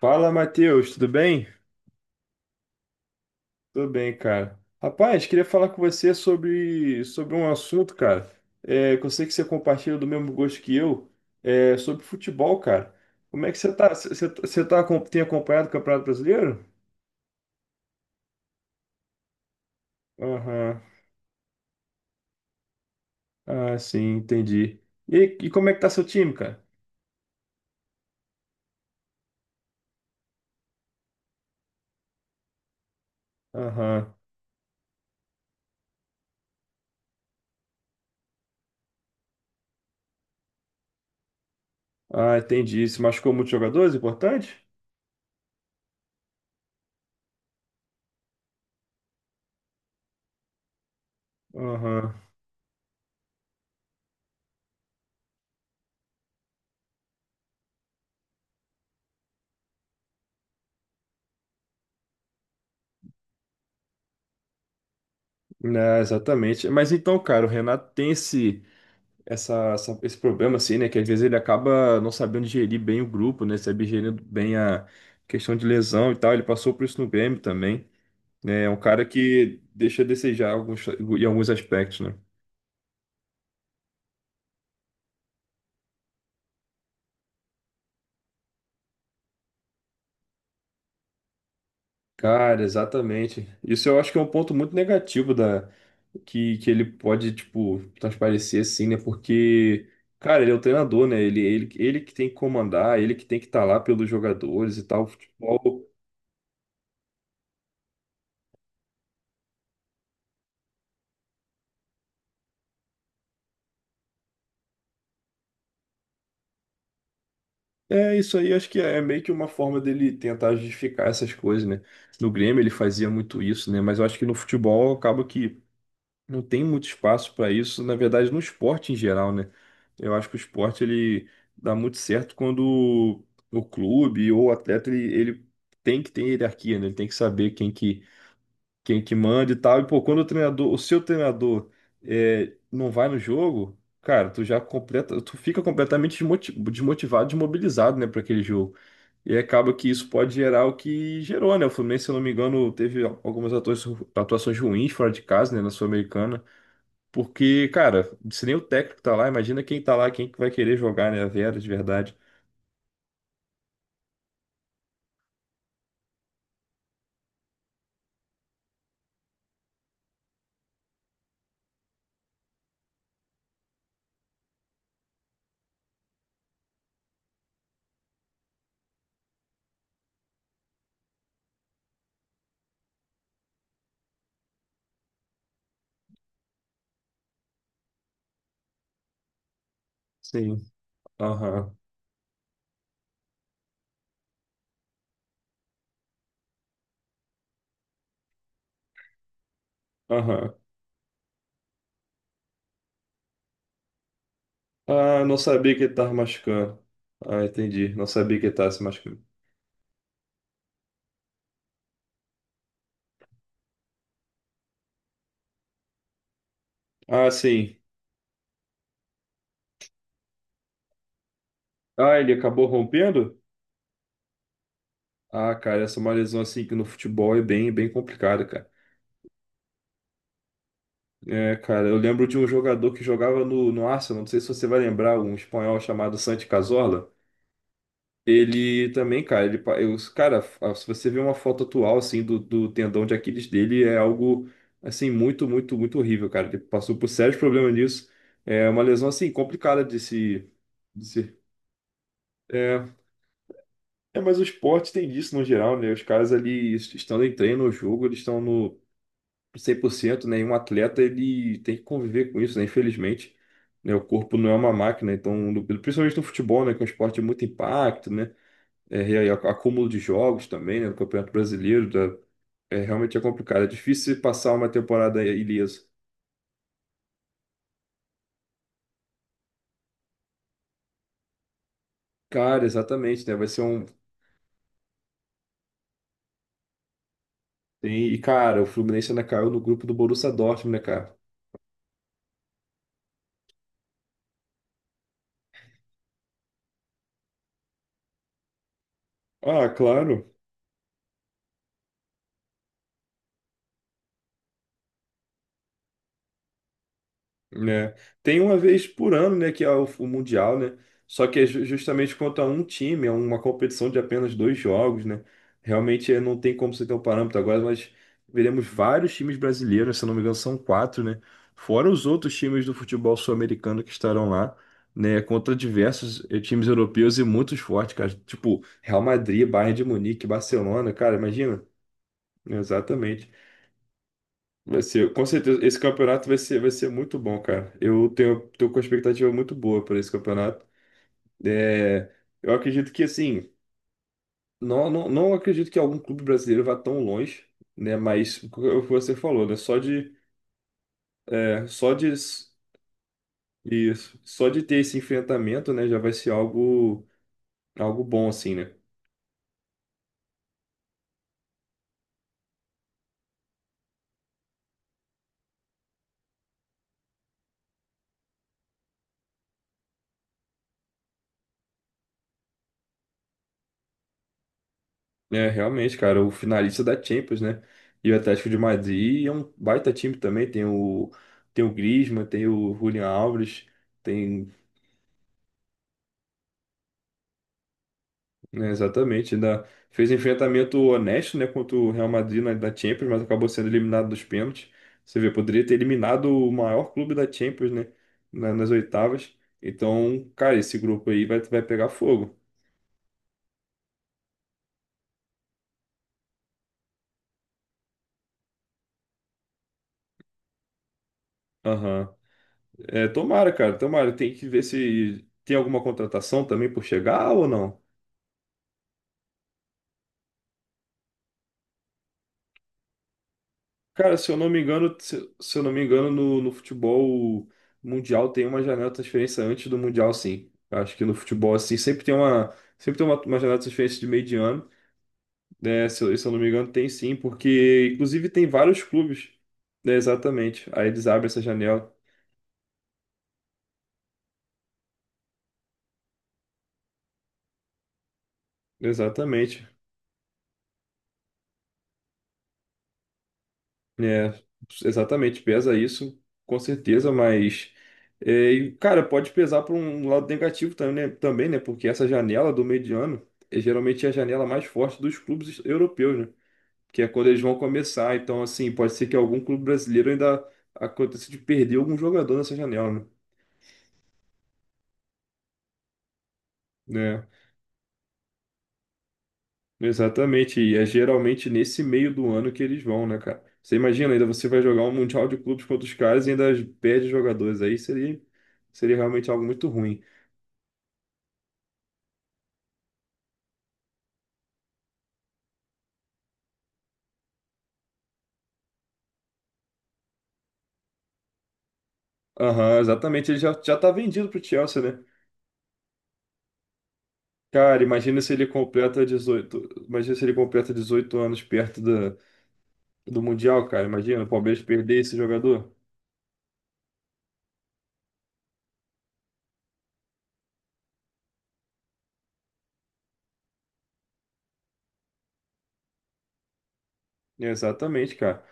Fala, Matheus, tudo bem? Tudo bem, cara. Rapaz, queria falar com você sobre um assunto, cara, que eu sei que você compartilha do mesmo gosto que eu, sobre futebol, cara. Como é que você tá? Você tá, você tem acompanhado o Campeonato Brasileiro? Aham. Ah, sim, entendi. E como é que tá seu time, cara? Aham. Ah, entendi. Se machucou muitos jogadores, importante? Aham. Né, exatamente. Mas então, cara, o Renato tem esse. Esse problema, assim, né? Que às vezes ele acaba não sabendo gerir bem o grupo, né? Sabe gerir bem a questão de lesão e tal. Ele passou por isso no Grêmio também, né? É um cara que deixa a desejar em alguns aspectos, né? Cara, exatamente. Isso eu acho que é um ponto muito negativo da que ele pode, tipo, transparecer assim, né? Porque, cara, ele é o treinador, né? Ele que tem que comandar, ele que tem que estar lá pelos jogadores e tal. O futebol é, isso aí acho que é meio que uma forma dele tentar justificar essas coisas, né? No Grêmio ele fazia muito isso, né? Mas eu acho que no futebol acaba que não tem muito espaço para isso, na verdade no esporte em geral, né? Eu acho que o esporte ele dá muito certo quando o clube ou o atleta ele tem que ter hierarquia, né? Ele tem que saber quem que manda e tal. E, pô, quando o treinador, o seu treinador não vai no jogo, cara, tu já completa, tu fica desmotivado, desmobilizado, né, para aquele jogo. E acaba que isso pode gerar o que gerou, né? O Fluminense, se eu não me engano, teve atuações ruins fora de casa, né, na Sul-Americana. Porque, cara, se nem o técnico tá lá, imagina quem tá lá, quem que vai querer jogar, né, a Vera, de verdade. Sim. Aham, aham. Ah, não sabia que ele tava machucando. Ah, entendi. Não sabia que ele tava se machucando. Ah, sim. Ah, ele acabou rompendo? Ah, cara, essa é uma lesão assim que no futebol é bem, bem complicada, cara. É, cara, eu lembro de um jogador que jogava no Arsenal, não sei se você vai lembrar, um espanhol chamado Santi Cazorla. Ele também, cara, ele, pa- eu, cara, a- se você ver uma foto atual, assim, do tendão de Aquiles dele, é algo, assim, muito, muito, muito horrível, cara. Ele passou por sérios problemas nisso. É uma lesão, assim, complicada de se... é, é, mas o esporte tem disso no geral, né? Os caras ali estando em treino no jogo, eles estão no 100%, né? E um atleta, ele tem que conviver com isso, né? Infelizmente, né? O corpo não é uma máquina, então, principalmente no futebol, né? Que é um esporte de muito impacto, né? É, e aí, acúmulo de jogos também, né? No Campeonato Brasileiro, realmente é complicado. É difícil você passar uma temporada ileso. Cara, exatamente, né? Vai ser um... E, cara, o Fluminense ainda caiu no grupo do Borussia Dortmund, né, cara? Ah, claro. Né? Tem uma vez por ano, né, que é o Mundial, né? Só que é justamente contra um time, é uma competição de apenas dois jogos, né? Realmente é, não tem como você ter um parâmetro agora, mas veremos vários times brasileiros, se eu não me engano, são quatro, né? Fora os outros times do futebol sul-americano que estarão lá, né? Contra diversos times europeus e muitos fortes, cara. Tipo, Real Madrid, Bayern de Munique, Barcelona, cara, imagina? Exatamente. Vai ser, com certeza, esse campeonato vai ser muito bom, cara. Eu tenho, tô com uma expectativa muito boa para esse campeonato. É, eu acredito que, assim, não acredito que algum clube brasileiro vá tão longe, né? Mas o que você falou, né? Só de, é, só de, isso, só de ter esse enfrentamento, né? Já vai ser algo, algo bom, assim, né? É, realmente, cara, o finalista da Champions, né? E o Atlético de Madrid é um baita time também. Tem tem o Griezmann, tem o Julian Alves. Tem é, exatamente, ainda fez enfrentamento honesto, né, contra o Real Madrid da Champions, mas acabou sendo eliminado dos pênaltis. Você vê, poderia ter eliminado o maior clube da Champions, né, nas oitavas. Então, cara, esse grupo aí vai, vai pegar fogo. Aham. É, tomara, cara, tomara. Tem que ver se tem alguma contratação também por chegar ou não. Cara, se eu não me engano, se eu não me engano, no futebol mundial tem uma janela de transferência antes do mundial, sim. Eu acho que no futebol, assim, sempre tem uma janela de transferência de meio de ano, né? Se eu não me engano, tem sim, porque inclusive tem vários clubes, né? Exatamente. Aí eles abrem essa janela. Exatamente. É, exatamente, pesa isso, com certeza, mas cara, pode pesar para um lado negativo também, né? Também, né? Porque essa janela do meio de ano é geralmente a janela mais forte dos clubes europeus, né? Que é quando eles vão começar. Então, assim, pode ser que algum clube brasileiro ainda aconteça de perder algum jogador nessa janela, né? Né? Exatamente, e é geralmente nesse meio do ano que eles vão, né, cara? Você imagina, ainda você vai jogar um Mundial de Clubes contra os caras e ainda perde jogadores aí, seria, seria realmente algo muito ruim. Aham, exatamente. Ele já tá vendido pro Chelsea, né? Cara, imagina se ele completa 18, imagina se ele completa 18 anos perto do, do Mundial, cara. Imagina o Palmeiras perder esse jogador. Exatamente, cara.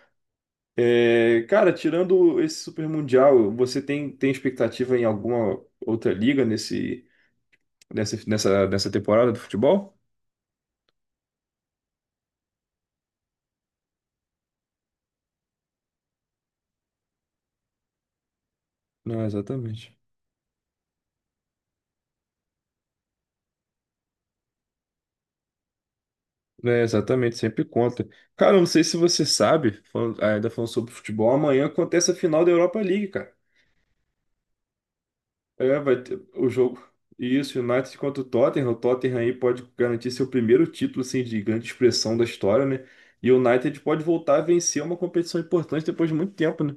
É, cara, tirando esse Super Mundial, você tem, tem expectativa em alguma outra liga nesse, nessa temporada do futebol? Não, exatamente. É, exatamente, sempre conta. Cara, eu não sei se você sabe, ainda falando sobre futebol, amanhã acontece a final da Europa League, cara. É, vai ter o jogo. Isso, United contra o Tottenham. O Tottenham aí pode garantir seu primeiro título assim, de grande expressão da história, né? E o United pode voltar a vencer uma competição importante depois de muito tempo, né?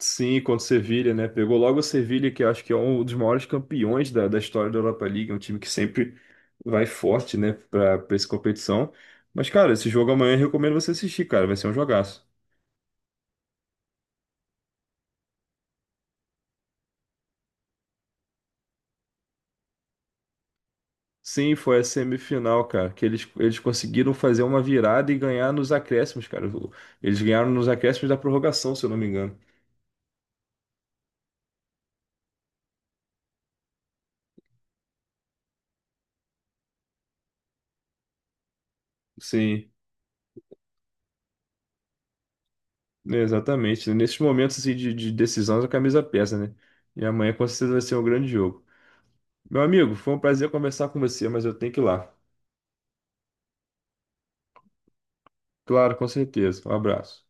Sim, contra o Sevilha, né? Pegou logo o Sevilha, que eu acho que é um dos maiores campeões da história da Europa League, é um time que sempre vai forte, né, para essa competição. Mas, cara, esse jogo amanhã eu recomendo você assistir, cara. Vai ser um jogaço. Sim, foi a semifinal, cara, que eles conseguiram fazer uma virada e ganhar nos acréscimos, cara. O- Eles ganharam nos acréscimos da prorrogação, se eu não me engano. Sim, né, exatamente. Nesses momentos assim, de decisão, a camisa pesa, né? E amanhã com certeza vai ser um grande jogo. Meu amigo, foi um prazer conversar com você, mas eu tenho que ir lá. Claro, com certeza. Um abraço.